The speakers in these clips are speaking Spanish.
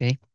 Ok.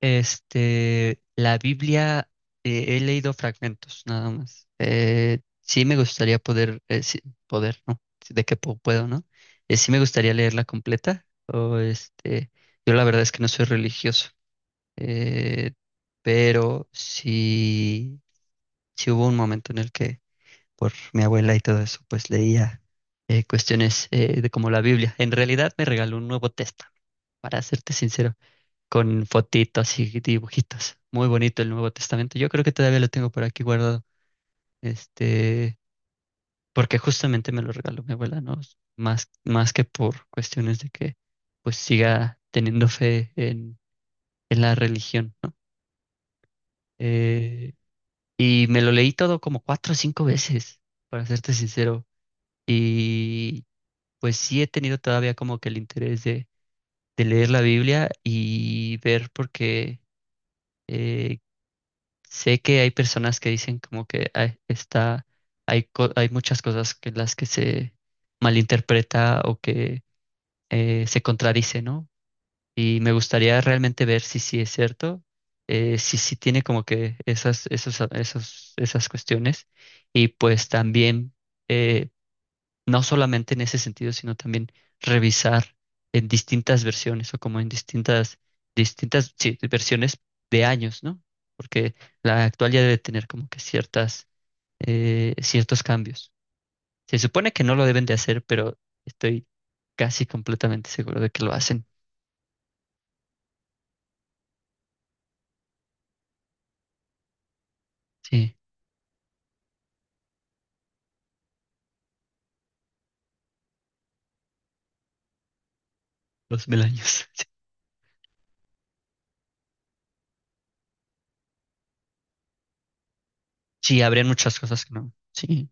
La Biblia, he leído fragmentos nada más. Sí me gustaría poder, poder, ¿no? Sí, de que puedo, ¿no? Sí me gustaría leerla completa. O yo la verdad es que no soy religioso, eh, pero sí, sí hubo un momento en el que por mi abuela y todo eso, pues leía cuestiones de como la Biblia. En realidad me regaló un Nuevo Testamento, para serte sincero, con fotitos y dibujitos. Muy bonito el Nuevo Testamento. Yo creo que todavía lo tengo por aquí guardado. Este, Porque justamente me lo regaló mi abuela, ¿no? Más, más que por cuestiones de que pues siga teniendo fe en la religión, ¿no? Eh, y me lo leí todo como cuatro o cinco veces, para serte sincero. Y pues sí he tenido todavía como que el interés de leer la Biblia y ver por qué eh, sé que hay personas que dicen como que "Ay, está, hay, hay muchas cosas que las que se malinterpreta o que se contradice, ¿no? Y me gustaría realmente ver si sí es cierto, si sí tiene como que esas, esos, esos, esas cuestiones. Y pues también eh, no solamente en ese sentido, sino también revisar en distintas versiones o como en distintas, distintas, sí, versiones de años, ¿no? Porque la actual ya debe tener como que ciertas, ciertos cambios. Se supone que no lo deben de hacer, pero estoy casi completamente seguro de que lo hacen. Sí, los mil años. Sí, sí, habrían muchas cosas que no. Sí,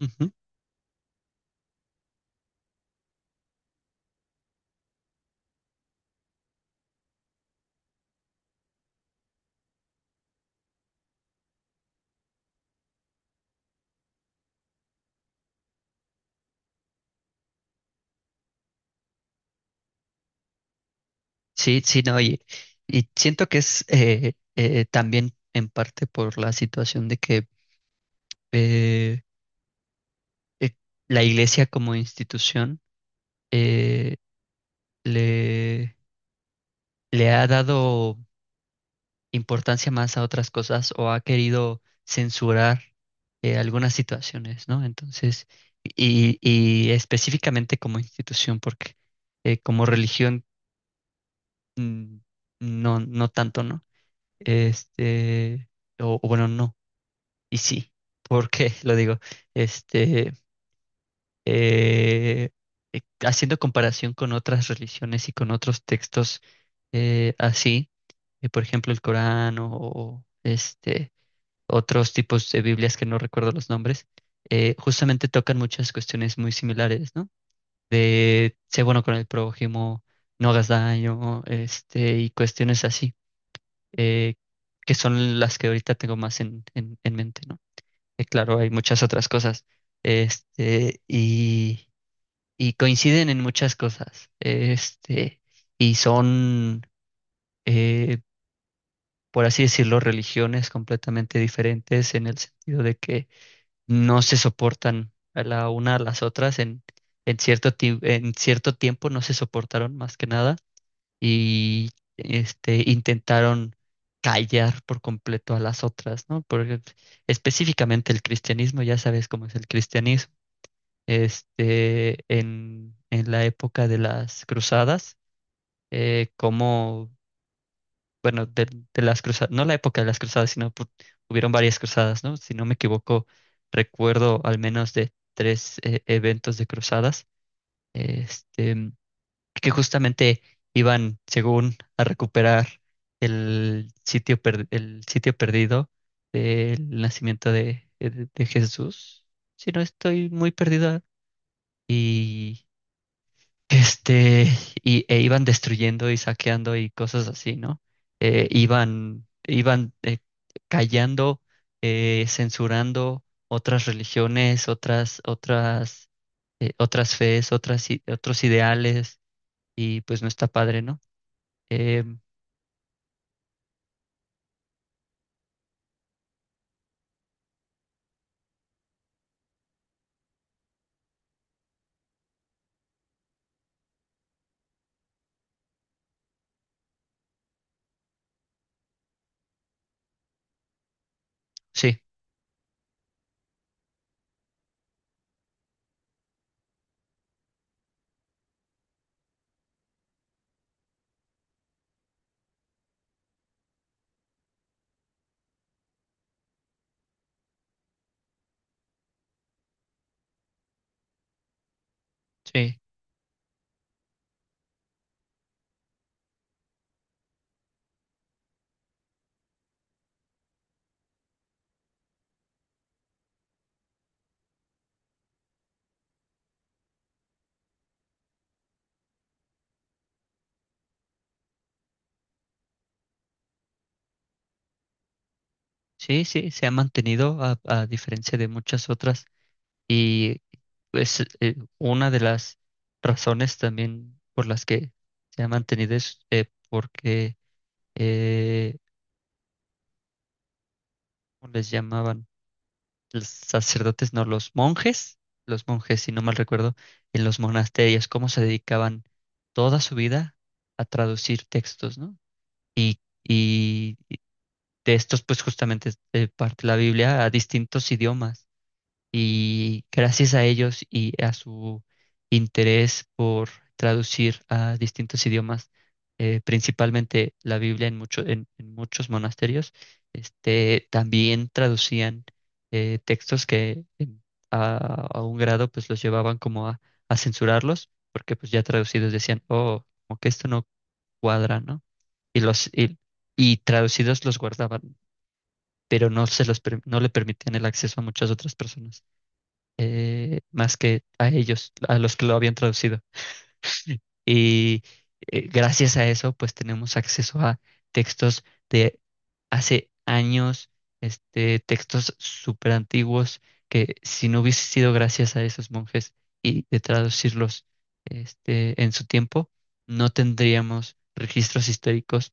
ujú. Sí, sí, no, y siento que es también en parte por la situación de que eh, eh, la iglesia como institución, eh, le, le ha dado importancia más a otras cosas o ha querido censurar algunas situaciones, ¿no? Entonces, y específicamente como institución, porque como religión mm, no, no tanto, ¿no? Este, o, o bueno, no, y sí, ¿por qué lo digo? Este, eh, Haciendo comparación con otras religiones y con otros textos así, por ejemplo el Corán o, otros tipos de Biblias que no recuerdo los nombres, justamente tocan muchas cuestiones muy similares, ¿no? De sé bueno con el prójimo, no hagas daño, y cuestiones así, eh, que son las que ahorita tengo más en mente, ¿no? Claro, hay muchas otras cosas. Y, y coinciden en muchas cosas. Y son, eh, por así decirlo, religiones completamente diferentes en el sentido de que no se soportan a la una a las otras. En cierto, en cierto tiempo no se soportaron más que nada y intentaron callar por completo a las otras, ¿no? Porque específicamente el cristianismo, ya sabes cómo es el cristianismo en la época de las cruzadas, eh, como, bueno, de las cruzadas, no la época de las cruzadas, hubieron varias cruzadas, ¿no? Si no me equivoco, recuerdo al menos de tres eventos de cruzadas, este, que justamente iban, según, a recuperar el sitio, el sitio perdido del nacimiento de, de Jesús. Si no estoy muy perdida. Y Este, y, e iban destruyendo y saqueando y cosas así, ¿no? Iban callando, censurando otras religiones, otras, otras, otras fees, otras, otros ideales, y pues no está padre, ¿no? Em, sí, sí, sí, sí, se ha mantenido a diferencia de muchas otras. Y es una de las razones también por las que se ha mantenido es porque, eh, ¿cómo les llamaban? Los sacerdotes, no, los monjes, si no mal recuerdo, en los monasterios, cómo se dedicaban toda su vida a traducir textos, ¿no? Y, y de estos, pues justamente parte la Biblia a distintos idiomas y gracias a ellos y a su interés por traducir a distintos idiomas, principalmente la Biblia en, en muchos monasterios, también traducían textos a, a un grado pues los llevaban como a censurarlos, porque pues ya traducidos decían, oh, como que esto no cuadra, ¿no? Y los y, y traducidos los guardaban, pero no se los no le permitían el acceso a muchas otras personas más que a ellos, a los que lo habían traducido. Y gracias a eso, pues tenemos acceso a textos de hace años, textos súper antiguos, que si no hubiese sido gracias a esos monjes y de traducirlos en su tiempo, no tendríamos registros históricos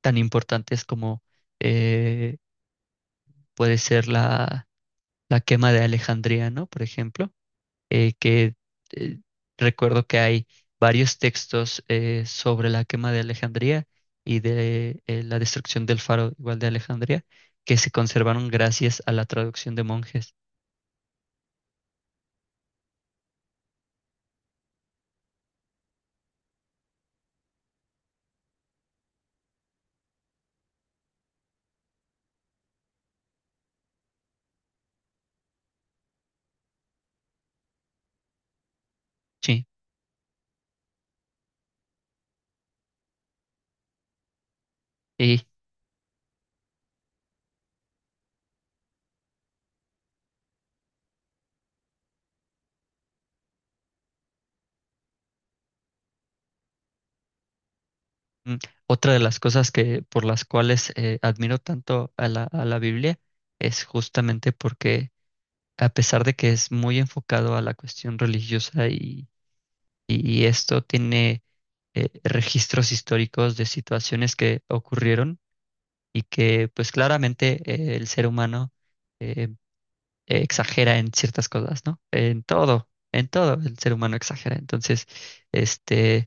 tan importantes como eh, puede ser la, la quema de Alejandría, ¿no? Por ejemplo que eh, recuerdo que hay varios textos sobre la quema de Alejandría y de la destrucción del faro igual de Alejandría, que se conservaron gracias a la traducción de monjes. Sí, y mm, otra de las cosas que por las cuales admiro tanto a la Biblia es justamente porque a pesar de que es muy enfocado a la cuestión religiosa y esto tiene registros históricos de situaciones que ocurrieron, y que pues claramente el ser humano eh, exagera en ciertas cosas, ¿no? En todo el ser humano exagera. Entonces, este,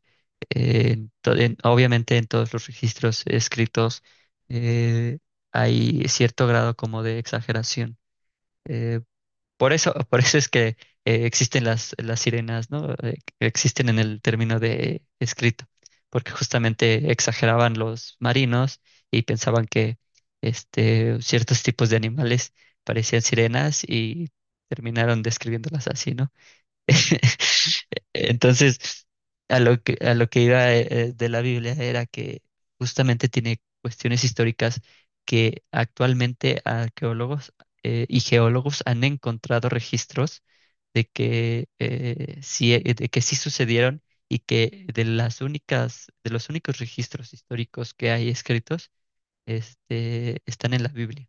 obviamente en todos los registros escritos eh, hay cierto grado como de exageración. Eh, por eso, por eso es que existen las sirenas, ¿no? Existen en el término de escrito, porque justamente exageraban los marinos y pensaban que ciertos tipos de animales parecían sirenas y terminaron describiéndolas así, ¿no? Entonces, a lo que iba de la Biblia era que justamente tiene cuestiones históricas que actualmente arqueólogos y geólogos han encontrado registros de que de que sí sucedieron y que de las únicas, de los únicos registros históricos que hay escritos, están en la Biblia.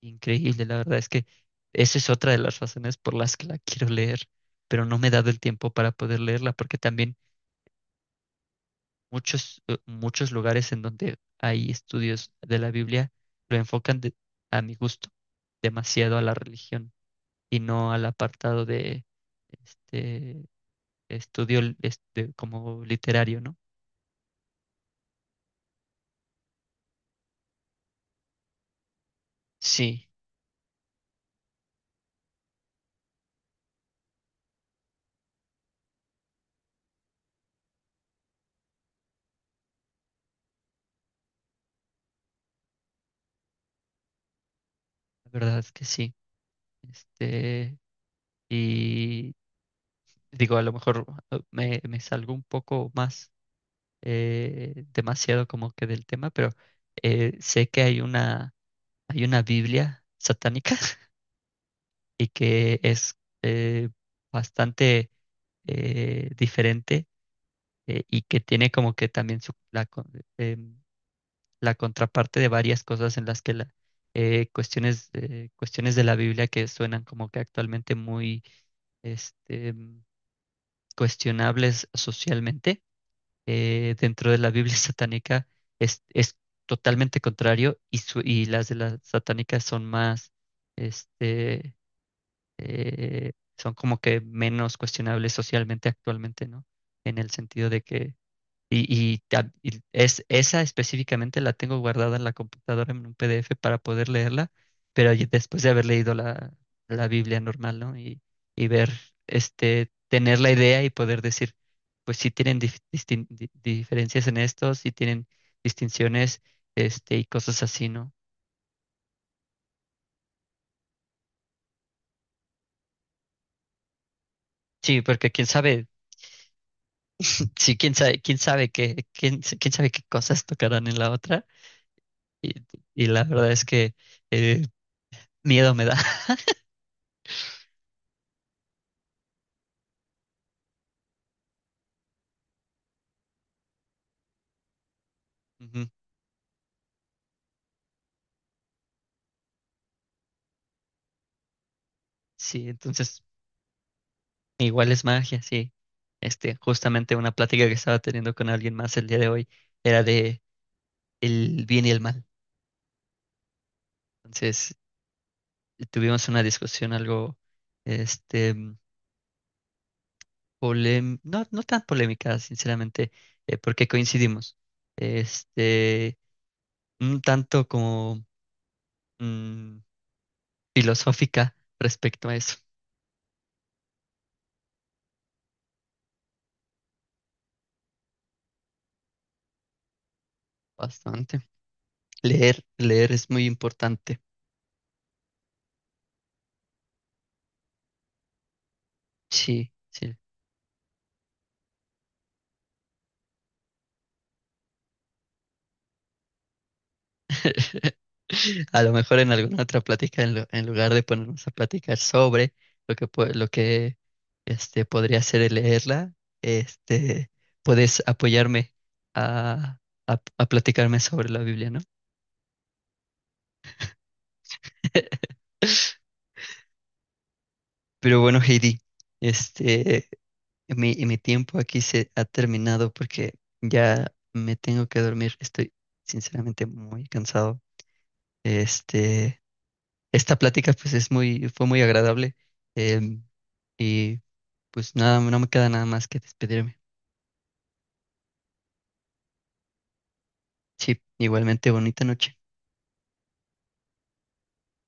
Increíble, la verdad es que esa es otra de las razones por las que la quiero leer, pero no me he dado el tiempo para poder leerla porque también muchos lugares en donde hay estudios de la Biblia lo enfocan a mi gusto demasiado a la religión y no al apartado de este estudio como literario, ¿no? Sí, la verdad es que sí. Este, y digo, a lo mejor me salgo un poco más demasiado como que del tema, pero sé que hay una Biblia satánica y que es bastante diferente y que tiene como que también em, la contraparte de varias cosas en las que la, cuestiones de la Biblia que suenan como que actualmente muy mm, cuestionables socialmente dentro de la Biblia satánica es totalmente contrario y, y las de la satánica son más, este, son como que menos cuestionables socialmente actualmente, ¿no? En el sentido de que esa específicamente la tengo guardada en la computadora en un PDF para poder leerla, pero ya después de haber leído la, la Biblia normal, ¿no? Y ver, tener la idea y poder decir, pues sí tienen diferencias en esto, sí tienen distinciones, y cosas así, ¿no? Sí, porque quién sabe, sí, quién sabe, quién sabe qué cosas tocarán en la otra. Y, y la verdad es que eh, miedo me da. Ujú. Sí, entonces igual es magia, sí. Justamente una plática que estaba teniendo con alguien más el día de hoy era de el bien y el mal. Entonces, tuvimos una discusión algo, este, no, no tan polémica, sinceramente, porque coincidimos. Este, un tanto como mm, filosófica respecto a eso. Bastante. Leer, leer es muy importante. Sí, sí. A lo mejor en alguna otra plática, en lugar de ponernos a platicar sobre lo que, lo que podría ser el leerla, este, puedes apoyarme a, a platicarme sobre la Biblia, ¿no? Pero bueno, Heidi, este, mi, mi tiempo aquí se ha terminado porque ya me tengo que dormir. Estoy sinceramente muy cansado. Este, Esta plática pues es muy, fue muy agradable. em, y Pues nada, no me queda nada más que despedirme. Sí, igualmente bonita noche.